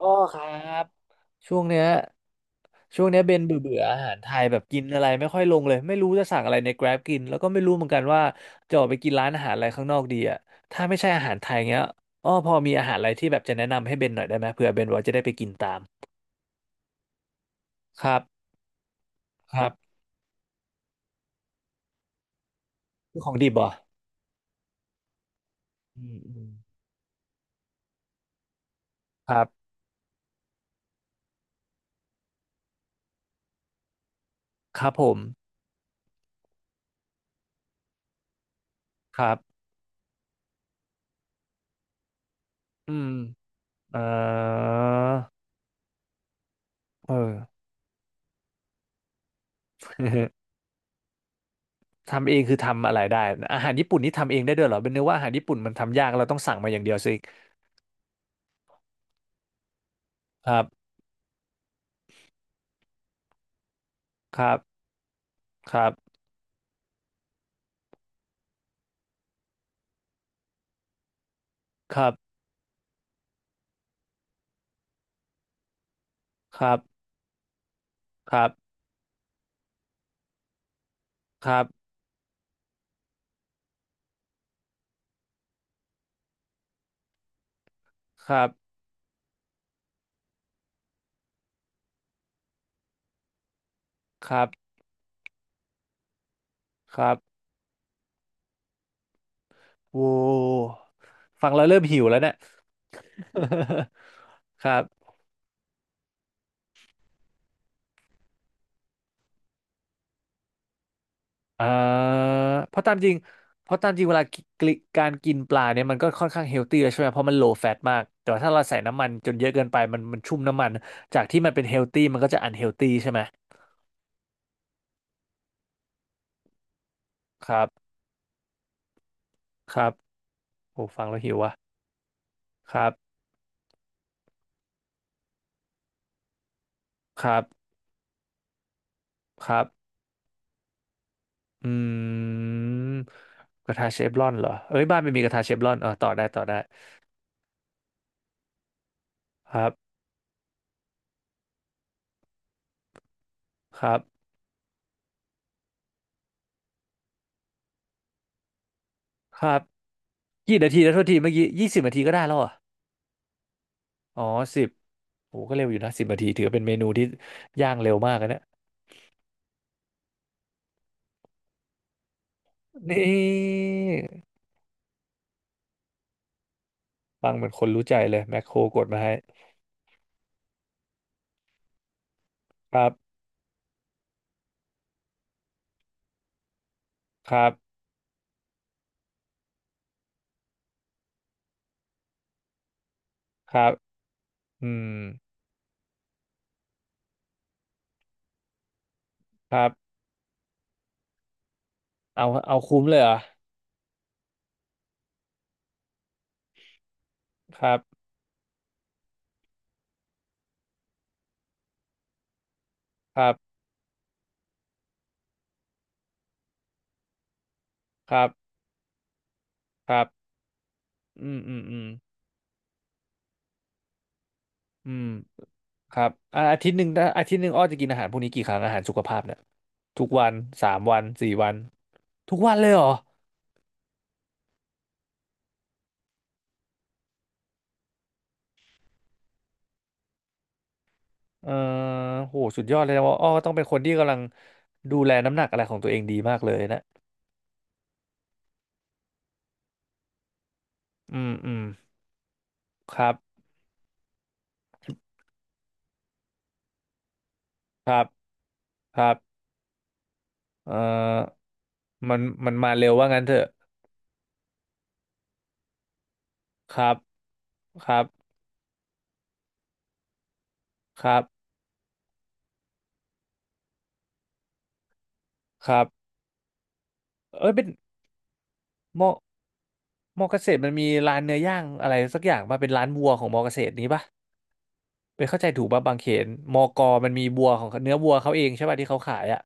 อ้อครับช่วงเนี้ยเบนเบื่อเบื่ออาหารไทยแบบกินอะไรไม่ค่อยลงเลยไม่รู้จะสั่งอะไรใน Grab กินแล้วก็ไม่รู้เหมือนกันว่าจะออกไปกินร้านอาหารอะไรข้างนอกดีอ่ะถ้าไม่ใช่อาหารไทยเงี้ยอ้อพอมีอาหารอะไรที่แบบจะแนะนำให้เบนหน่อยได้ไหมเผื่อเบนว่าจะได้ไปกินตามครับครับของดิบเหรออืมอืมครับครับผมครับอืมเอ่อเออ ทำเองคือทำอะไรได้อาหารญี่ปุ่นนี่ทำเองได้ด้วยเหรอเป็นเนื้อว่าอาหารญี่ปุ่นมันทำยากเราต้องสั่งมาอย่างเดียวสิครับครับครับครับครับครับครับครับครับครับโว้ฟังแล้วเริ่มหิวแล้วเนี่ย ครับอ่าเพราะตามจริงเพราะตามจริงเวลากิการกินปลาเนี่ยมันก็ค่อนข้างเฮลตี้แล้วใช่ไหมเพราะมันโลแฟตมากแต่ว่าถ้าเราใส่น้ำมันจนเยอะเกินไปมันชุ่มน้ำมันจากที่มันเป็นเฮลตี้มันก็จะอันเฮลตี้ใช่ไหมครับครับ โอ้ฟังแล้วหิวว่ะครับครับครับอืมกระทะเชฟรอนเหรอเอ้ยบ้านไม่มีกระทะเชฟรอนเออต่อได้ต่อได้ครับครับครับกี่นาทีนะโทษทีเมื่อกี้ยี่สิบนาทีก็ได้แล้วเหรอะอ๋อสิบโอ้ก็เร็วอยู่นะสิบนาทีถือเป็นเมนูที่ย่างเร็วมากนะเนี่ยนี่ฟังเหมือนคนรู้ใจเลยแมคโครกดมาให้ครับครับครับอืมครับเอาเอาคุ้มเลยเหรอครับครับครับครับอืมอืมอืม อืมครับอ่าอาทิตย์หนึ่งนะอาทิตย์หนึ่งอ้อจะกินอาหารพวกนี้กี่ครั้งอาหารสุขภาพเนี่ยทุกวันสามวันสี่วันทุกวันเลยเหรอเออโหสุดยอดเลยนะว่าอ้อก็ต้องเป็นคนที่กำลังดูแลน้ำหนักอะไรของตัวเองดีมากเลยนะอืมอืมครับครับครับเออมันมันมาเร็วว่างั้นเถอะครับครับครับครับเอ้ยเป็นมอมอเกษตรมันมีร้านเนื้อย่างอะไรสักอย่างป่ะเป็นร้านวัวของมอเกษตรนี้ป่ะ เป็นเข้าใจถูกป่ะบางเขนมอกอมันมีบัวของเนื้อบัวเขาเองใช่ป่ะที่เขาขายอ่ะ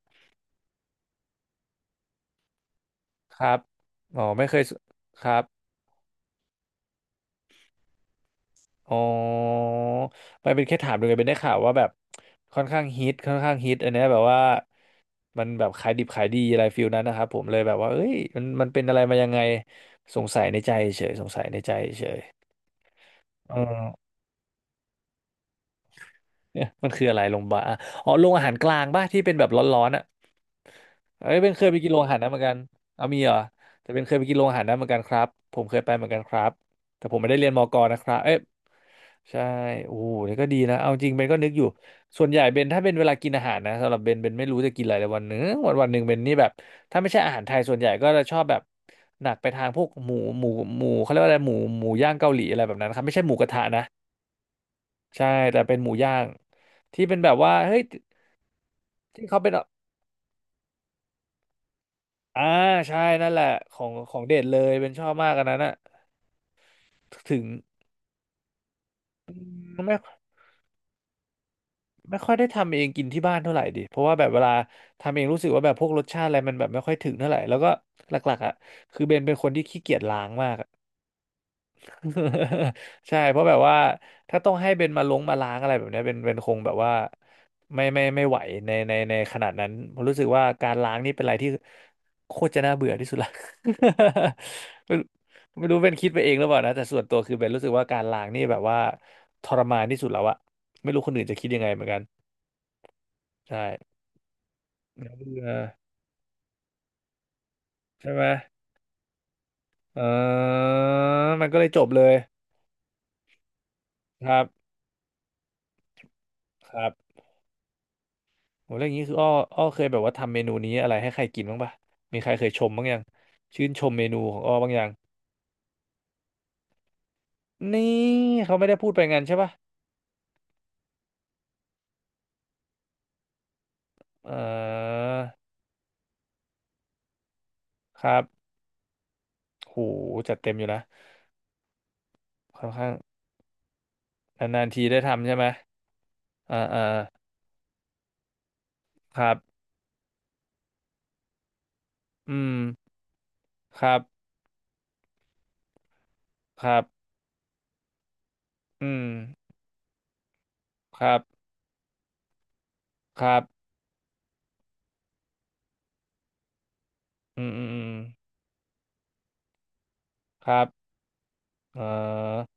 ครับอ๋อไม่เคยสครับอ๋อมันเป็นแค่ถามดูไงเป็นได้ข่าวว่าแบบค่อนข้างฮิตอันเนี้ยแบบว่ามันแบบขายดิบขายดีอะไรฟิลนั้นนะครับผมเลยแบบว่าเอ้ยมันเป็นอะไรมายังไงสงสัยในใจเฉยสงสัยในใจเฉยเออเนี่ยมันคืออะไรโรงพยาบาลอะอ๋อโรงอาหารกลางป่ะที่เป็นแบบร้อนๆอ่ะ เอ้ยเป็นเคยไปกินโรงอาหารนั้นเหมือนกันเอามีเหรอแต่เป็นเคยไปกินโรงอาหารนั้นเหมือนกันครับผมเคยไปเหมือนกันครับแต่ผมไม่ได้เรียนมกนะครับเอ้ยใช่โอ้โหนี่ก็ดีนะเอาจริงเบนก็นึกอยู่ส่วนใหญ่เบนถ้าเป็นเวลากินอาหารนะสำหรับเบนเบนไม่รู้จะกินอะไรเลยวันหนึงวันหนึ่งเบนนี่แบบถ้าไม่ใช่อาหารไทยส่วนใหญ่ก็จะชอบแบบหนักไปทางพวกหมูหมูเขาเรียกว่าอะไรหมูหมูย่างเกาหลีอะไรแบบนั้นครับไม่ใช่หมูกระทะนะใช่แต่เป็นหมูย่างที่เป็นแบบว่าเฮ้ยที่เขาเป็น อ่าใช่นั่นแหละของของเด็ดเลยเป็นชอบมากอันนั้นอะถึงไม่ไม่ค่อยได้ทำเองกินที่บ้านเท่าไหร่ดิเพราะว่าแบบเวลาทำเองรู้สึกว่าแบบพวกรสชาติอะไรมันแบบไม่ค่อยถึงเท่าไหร่แล้วก็หลักๆอะคือเบนเป็นคนที่ขี้เกียจล้างมาก ใช่เพราะแบบว่าถ้าต้องให้เบนมาลงมาล้างอะไรแบบเนี้ยเบนคงแบบว่าไม่ไม่ไม่ไหวในขนาดนั้นผมรู้สึกว่าการล้างนี่เป็นอะไรที่โคตรจะน่าเบื่อที่สุดละ ไม่ไม่รู้เบนคิดไปเองหรือเปล่านะแต่ส่วนตัวคือเบนรู้สึกว่าการล้างนี่แบบว่าทรมานที่สุดแล้วอะไม่รู้คนอื่นจะคิดยังไงเหมือนกันใช่เออใช่ไหมเออมันก็เลยจบเลยครับครับ โหแล้วอย่างนี้คืออ้ออ้อเคยแบบว่าทำเมนูนี้อะไรให้ใครกินบ้างปะมีใครเคยชมบ้างยังชื่นชมเมนูของอ้อบ้างยังนี่เขาไม่ได้พูดไปงั้นใช่ปะเออครับโหจัดเต็มอยู่นะค่อนข้างนานๆทีได้ทำใช่ไหมอ่าอ่าครับอืมครับครับอืมครับครับอืมอืมอืมครับเออ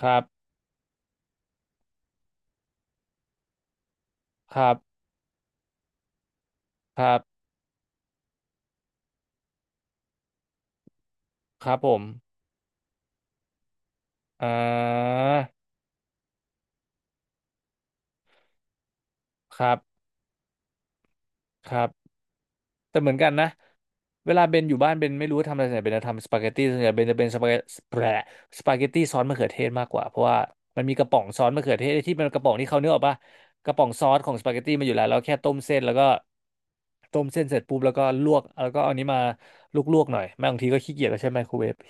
ครับครับครับครับผมอ่าครับครับ แต่เหมือนกันนะเวลาเบนอยู่บ้านเบนไม่รู้ว่าทำอะไรส่วนใหญ่เบนจะทำสปาเกตตี้ส่วนใหญ่เบนจะเป็นแปรสปาเกตตี้ซอสมะเขือเทศมากกว่าเพราะว่ามันมีกระป๋องซอสมะเขือเทศที่เป็นกระป๋องที่เขาเนื้อออกป่ะกระป๋องซอสของสปาเกตตี้มาอยู่แล้วเราแค่ต้มเส้นแล้วก็ต้มเส้นเสร็จปุ๊บแล้วก็ลวกแล้วก็เอาอันนี้มาลวกๆหน่อยแม่บางทีก็ขี้เกียจแล้วใช้ไมโครเวฟ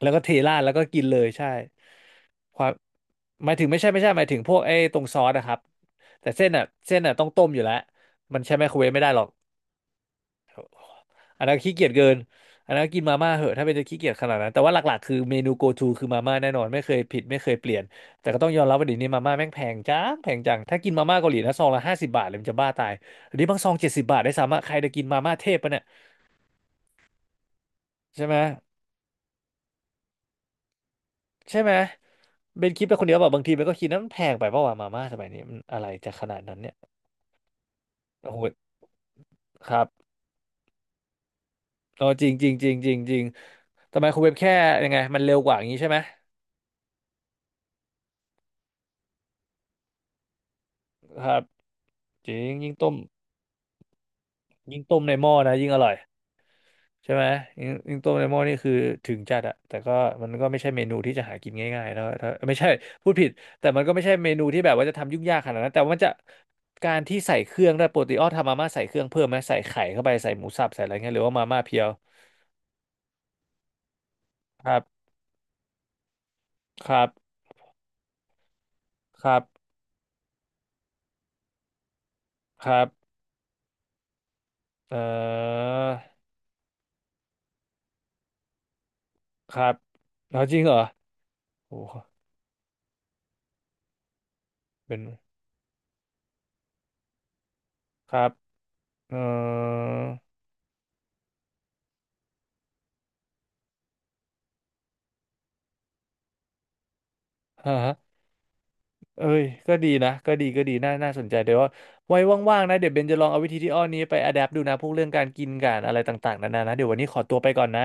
แล้วก็เทราดแล้วก็กินเลยใช่ความหมายถึงไม่ใช่ไม่ใช่หมายถึงพวกไอ้ตรงซอสนะครับแต่เส้นอ่ะเส้นอ่ะต้องต้มอยู่แล้วมันใช้ไมโครเวฟไม่ได้หรอก อันนั้นขี้เกียจเกินอันนั้นกินมาม่าเหอะถ้าเป็นจะขี้เกียจขนาดนั้นแต่ว่าหลักๆคือเมนู go to คือมาม่าแน่นอนไม่เคยผิดไม่เคยเปลี่ยนแต่ก็ต้องยอมรับว่าเดี๋ยวนี้มาม่าแม่งแพงจังแพงจังถ้ากินมาม่าเกาหลีนะซองละ50 บาทเลยมันจะบ้าตายอันนี้บางซอง70 บาทได้สามารถใครจะกินมาม่าเทพปะเนี่ยใช่ไหมใช่ไหมเบนคิดไปคนเดียวแบบบางทีเบนก็คิดนะมันแพงไปเพราะว่ามาม่าสมัยนี้มันอะไรจะขนาดนั้นเนี่ยโอ้โหครับเออจริงจริงจริงจริงจริงทำไมคุณเว็บแค่ยังไงมันเร็วกว่าอย่างนี้ใช่ไหมครับจริงยิ่งต้มยิ่งต้มในหม้อนะยิ่งอร่อย ใช่ไหมยิงอิงต้มเลมอนนี่คือถึงจัดอะแต่ก็มันก็ไม่ใช่เมนูที่จะหากินง่ายๆแล้วถ้าไม่ใช่พูดผิดแต่มันก็ไม่ใช่เมนูที่แบบว่าจะทำยุ่งยากขนาดนั้นแต่ว่ามันจะการที่ใส่เครื่องได้วยปกติอ้อทำมาม่าใส่เครื่องเพิ่มไหมใส่ไข่เข้าไปใส่หมูสับใส่อะไรเงี้ยหรือว่ามาม่าเพียวครับครับครับครับเอ่อครับเอาจริงเหรอโอ้โหเป็นครับเอ่อ เอ้ยก็ดีนะก็ดีก็ดีน่าน่าสนใจเดี๋ยวว่าไว้ว่างๆนะเดี๋ยวเบนจะลองเอาวิธีที่อ้อนี้ไปอ d ด p t ดูนะพวกเรื่องการกินการอะไรต่างๆนานานะเดี๋ยววันนี้ขอตัวไปก่อนนะ